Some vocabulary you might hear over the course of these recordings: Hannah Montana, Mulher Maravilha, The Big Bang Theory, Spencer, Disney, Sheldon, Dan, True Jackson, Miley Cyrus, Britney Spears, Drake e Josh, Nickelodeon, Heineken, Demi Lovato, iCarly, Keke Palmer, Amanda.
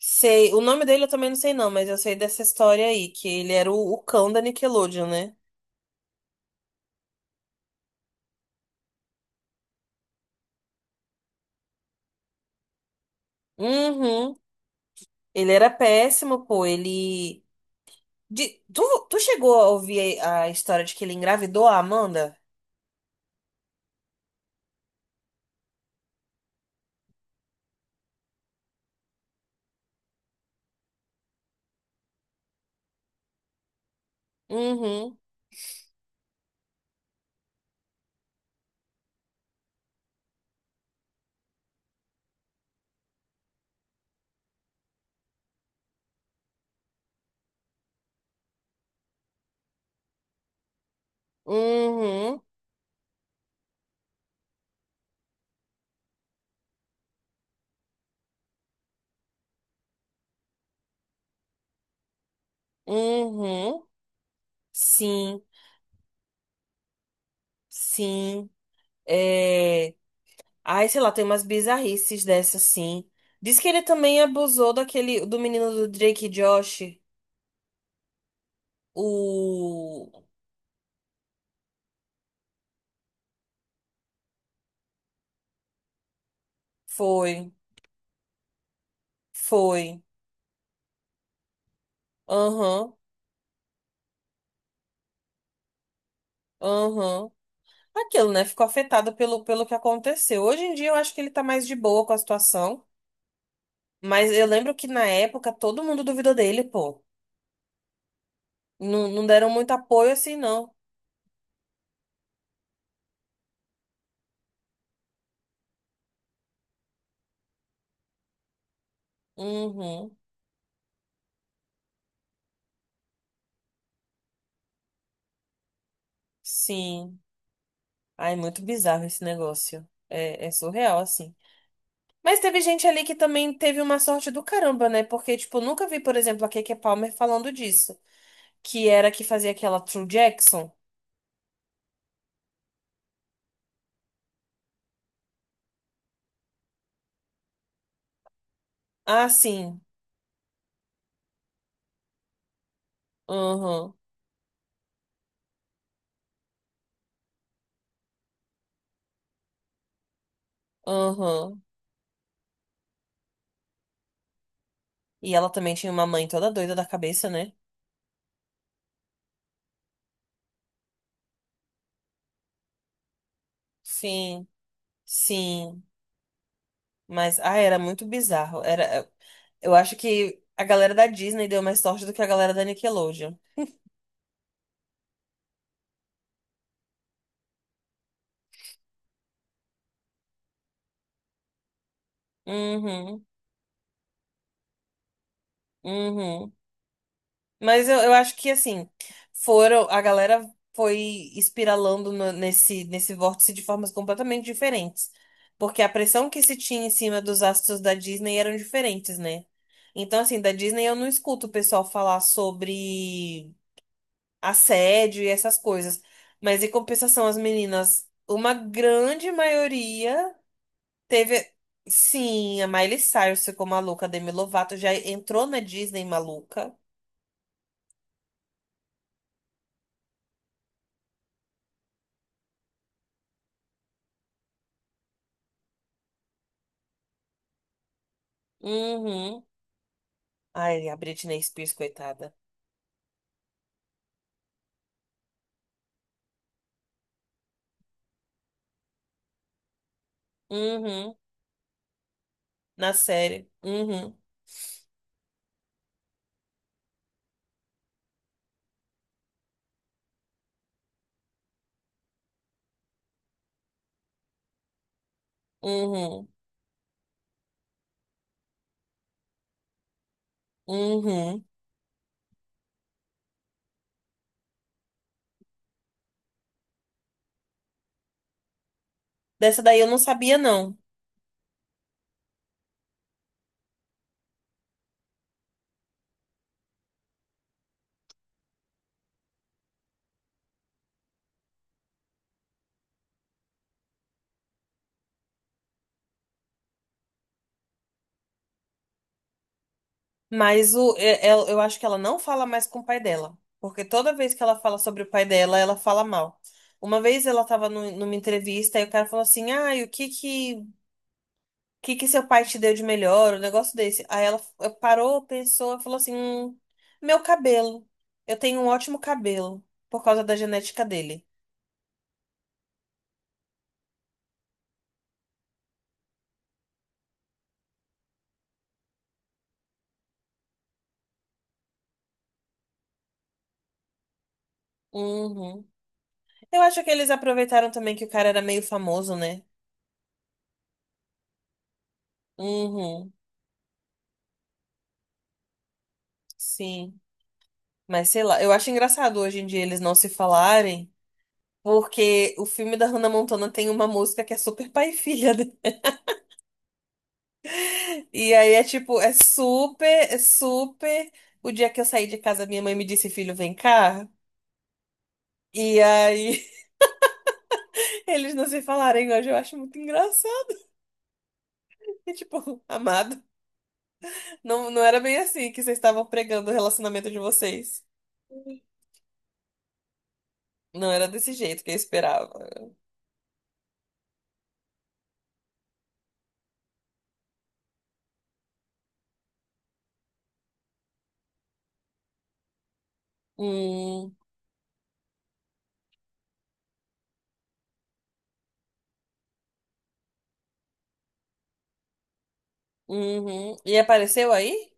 Sei, o nome dele eu também não sei não, mas eu sei dessa história aí, que ele era o cão da Nickelodeon, né? Uhum. Ele era péssimo, pô, ele... De- Tu, tu chegou a ouvir a história de que ele engravidou a Amanda? Uhum, uhum, uhum. Sim, sim. É... Ai, sei lá, tem umas bizarrices dessas, sim. Diz que ele também abusou daquele, do menino do Drake e Josh. O... Foi, foi. Aham, aham. Aquilo, né? Ficou afetado pelo que aconteceu. Hoje em dia eu acho que ele tá mais de boa com a situação, mas eu lembro que na época todo mundo duvidou dele, pô. Não, não deram muito apoio assim, não. Uhum, sim. Ai, muito bizarro esse negócio. É surreal, assim. Mas teve gente ali que também teve uma sorte do caramba, né? Porque, tipo, nunca vi, por exemplo, a Keke Palmer falando disso. Que era a que fazia aquela True Jackson. Ah, sim. Aham, aham. E ela também tinha uma mãe toda doida da cabeça, né? Sim, sim. Mas, ah, era muito bizarro. Eu acho que a galera da Disney deu mais sorte do que a galera da Nickelodeon. Uhum, uhum. Mas eu acho que, assim, a galera foi espiralando nesse vórtice de formas completamente diferentes. Porque a pressão que se tinha em cima dos astros da Disney eram diferentes, né? Então, assim, da Disney eu não escuto o pessoal falar sobre assédio e essas coisas. Mas em compensação, as meninas, uma grande maioria teve. Sim, a Miley Cyrus ficou maluca, a Demi Lovato já entrou na Disney maluca. Uhum. Ai, a Britney Spears, coitada. Uhum. Na série. Uhum. Uhum. Uhum. Dessa daí eu não sabia, não. Eu acho que ela não fala mais com o pai dela. Porque toda vez que ela fala sobre o pai dela, ela fala mal. Uma vez ela estava numa entrevista e o cara falou assim: "Ah, e o que que seu pai te deu de melhor", um negócio desse. Aí ela parou, pensou, e falou assim: meu cabelo. Eu tenho um ótimo cabelo por causa da genética dele." Uhum. Eu acho que eles aproveitaram também que o cara era meio famoso, né? Uhum. Sim. Mas sei lá, eu acho engraçado hoje em dia eles não se falarem, porque o filme da Hannah Montana tem uma música que é super pai e filha, né? E aí é tipo, é super, é super. O dia que eu saí de casa, minha mãe me disse, filho, vem cá. E aí eles não se falarem hoje, eu acho muito engraçado. E, tipo, amado, não, não era bem assim que vocês estavam pregando o relacionamento de vocês. Não era desse jeito que eu esperava. Hum, uhum. E apareceu aí?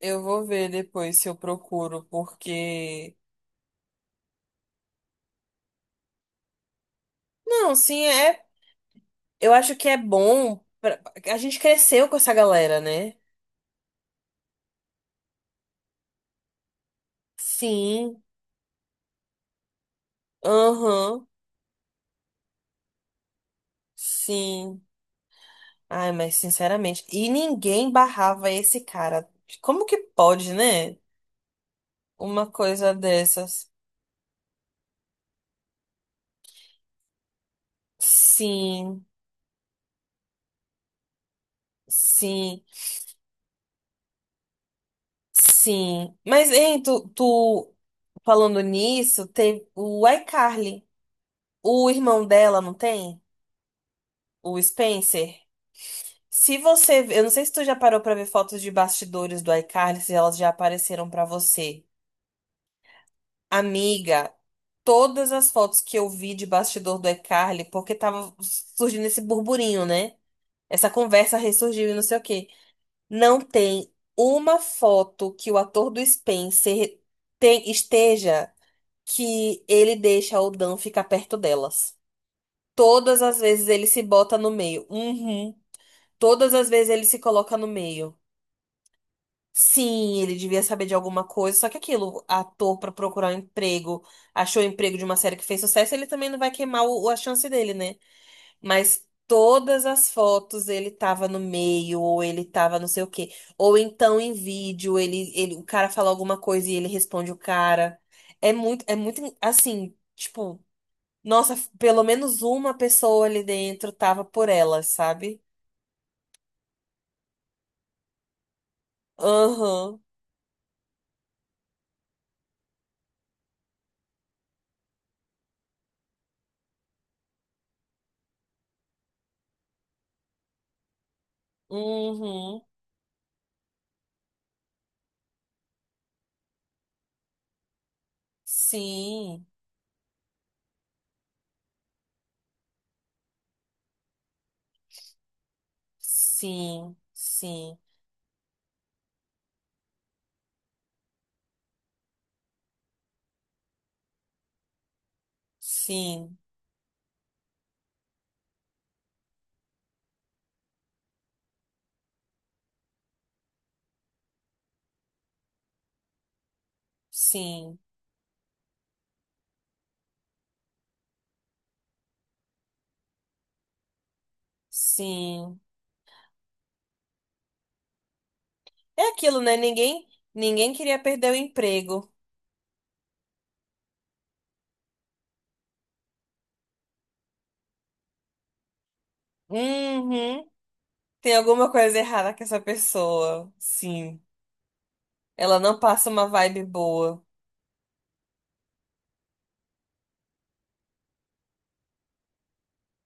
Eu vou ver depois se eu procuro, porque. Não, sim, é. Eu acho que é bom. A gente cresceu com essa galera, né? Sim, aham, sim. Ai, mas sinceramente. E ninguém barrava esse cara. Como que pode, né? Uma coisa dessas. Sim, sim, sim. Mas, hein, tu falando nisso, tem o iCarly. O irmão dela, não tem? O Spencer. Se você, eu não sei se tu já parou pra ver fotos de bastidores do iCarly, se elas já apareceram pra você. Amiga, todas as fotos que eu vi de bastidor do iCarly, porque tava surgindo esse burburinho, né? Essa conversa ressurgiu e não sei o quê. Não tem uma foto que o ator do Spencer esteja que ele deixa o Dan ficar perto delas. Todas as vezes ele se bota no meio. Uhum. Todas as vezes ele se coloca no meio. Sim, ele devia saber de alguma coisa, só que aquilo, ator pra procurar um emprego, achou o emprego de uma série que fez sucesso, ele também não vai queimar o, a chance dele, né? Mas todas as fotos ele tava no meio, ou ele tava não sei o quê. Ou então em vídeo, o cara fala alguma coisa e ele responde o cara. É muito assim, tipo, nossa, pelo menos uma pessoa ali dentro tava por ela, sabe? Aham, uhum, sim. Sim, sim, sim, sim, sim. É aquilo, né? Ninguém queria perder o emprego. Uhum. Tem alguma coisa errada com essa pessoa. Sim. Ela não passa uma vibe boa.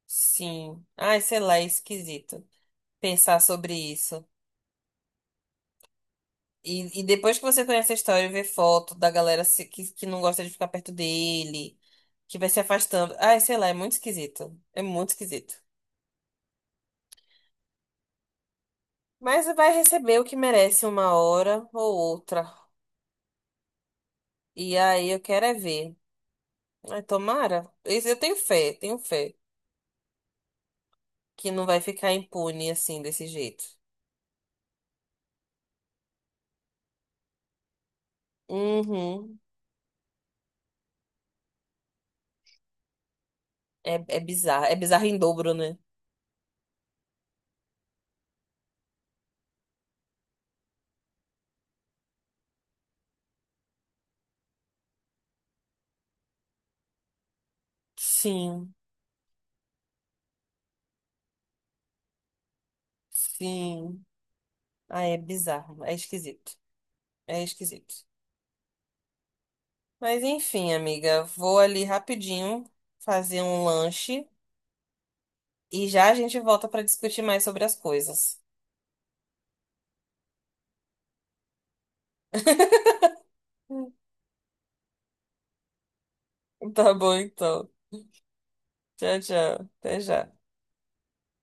Sim. Ai, sei lá, é esquisito pensar sobre isso. E depois que você conhece a história e vê foto da galera que não gosta de ficar perto dele, que vai se afastando. Ai, sei lá, é muito esquisito. É muito esquisito. Mas vai receber o que merece uma hora ou outra. E aí eu quero é ver. Ai, tomara. Isso. Eu tenho fé, tenho fé. Que não vai ficar impune assim, desse jeito. Uhum. É bizarro. É bizarro em dobro, né? Sim, sim. Ah, é bizarro. É esquisito. É esquisito. Mas enfim, amiga, vou ali rapidinho fazer um lanche e já a gente volta pra discutir mais sobre as coisas. Tá bom, então. Tchau, tchau. Até já.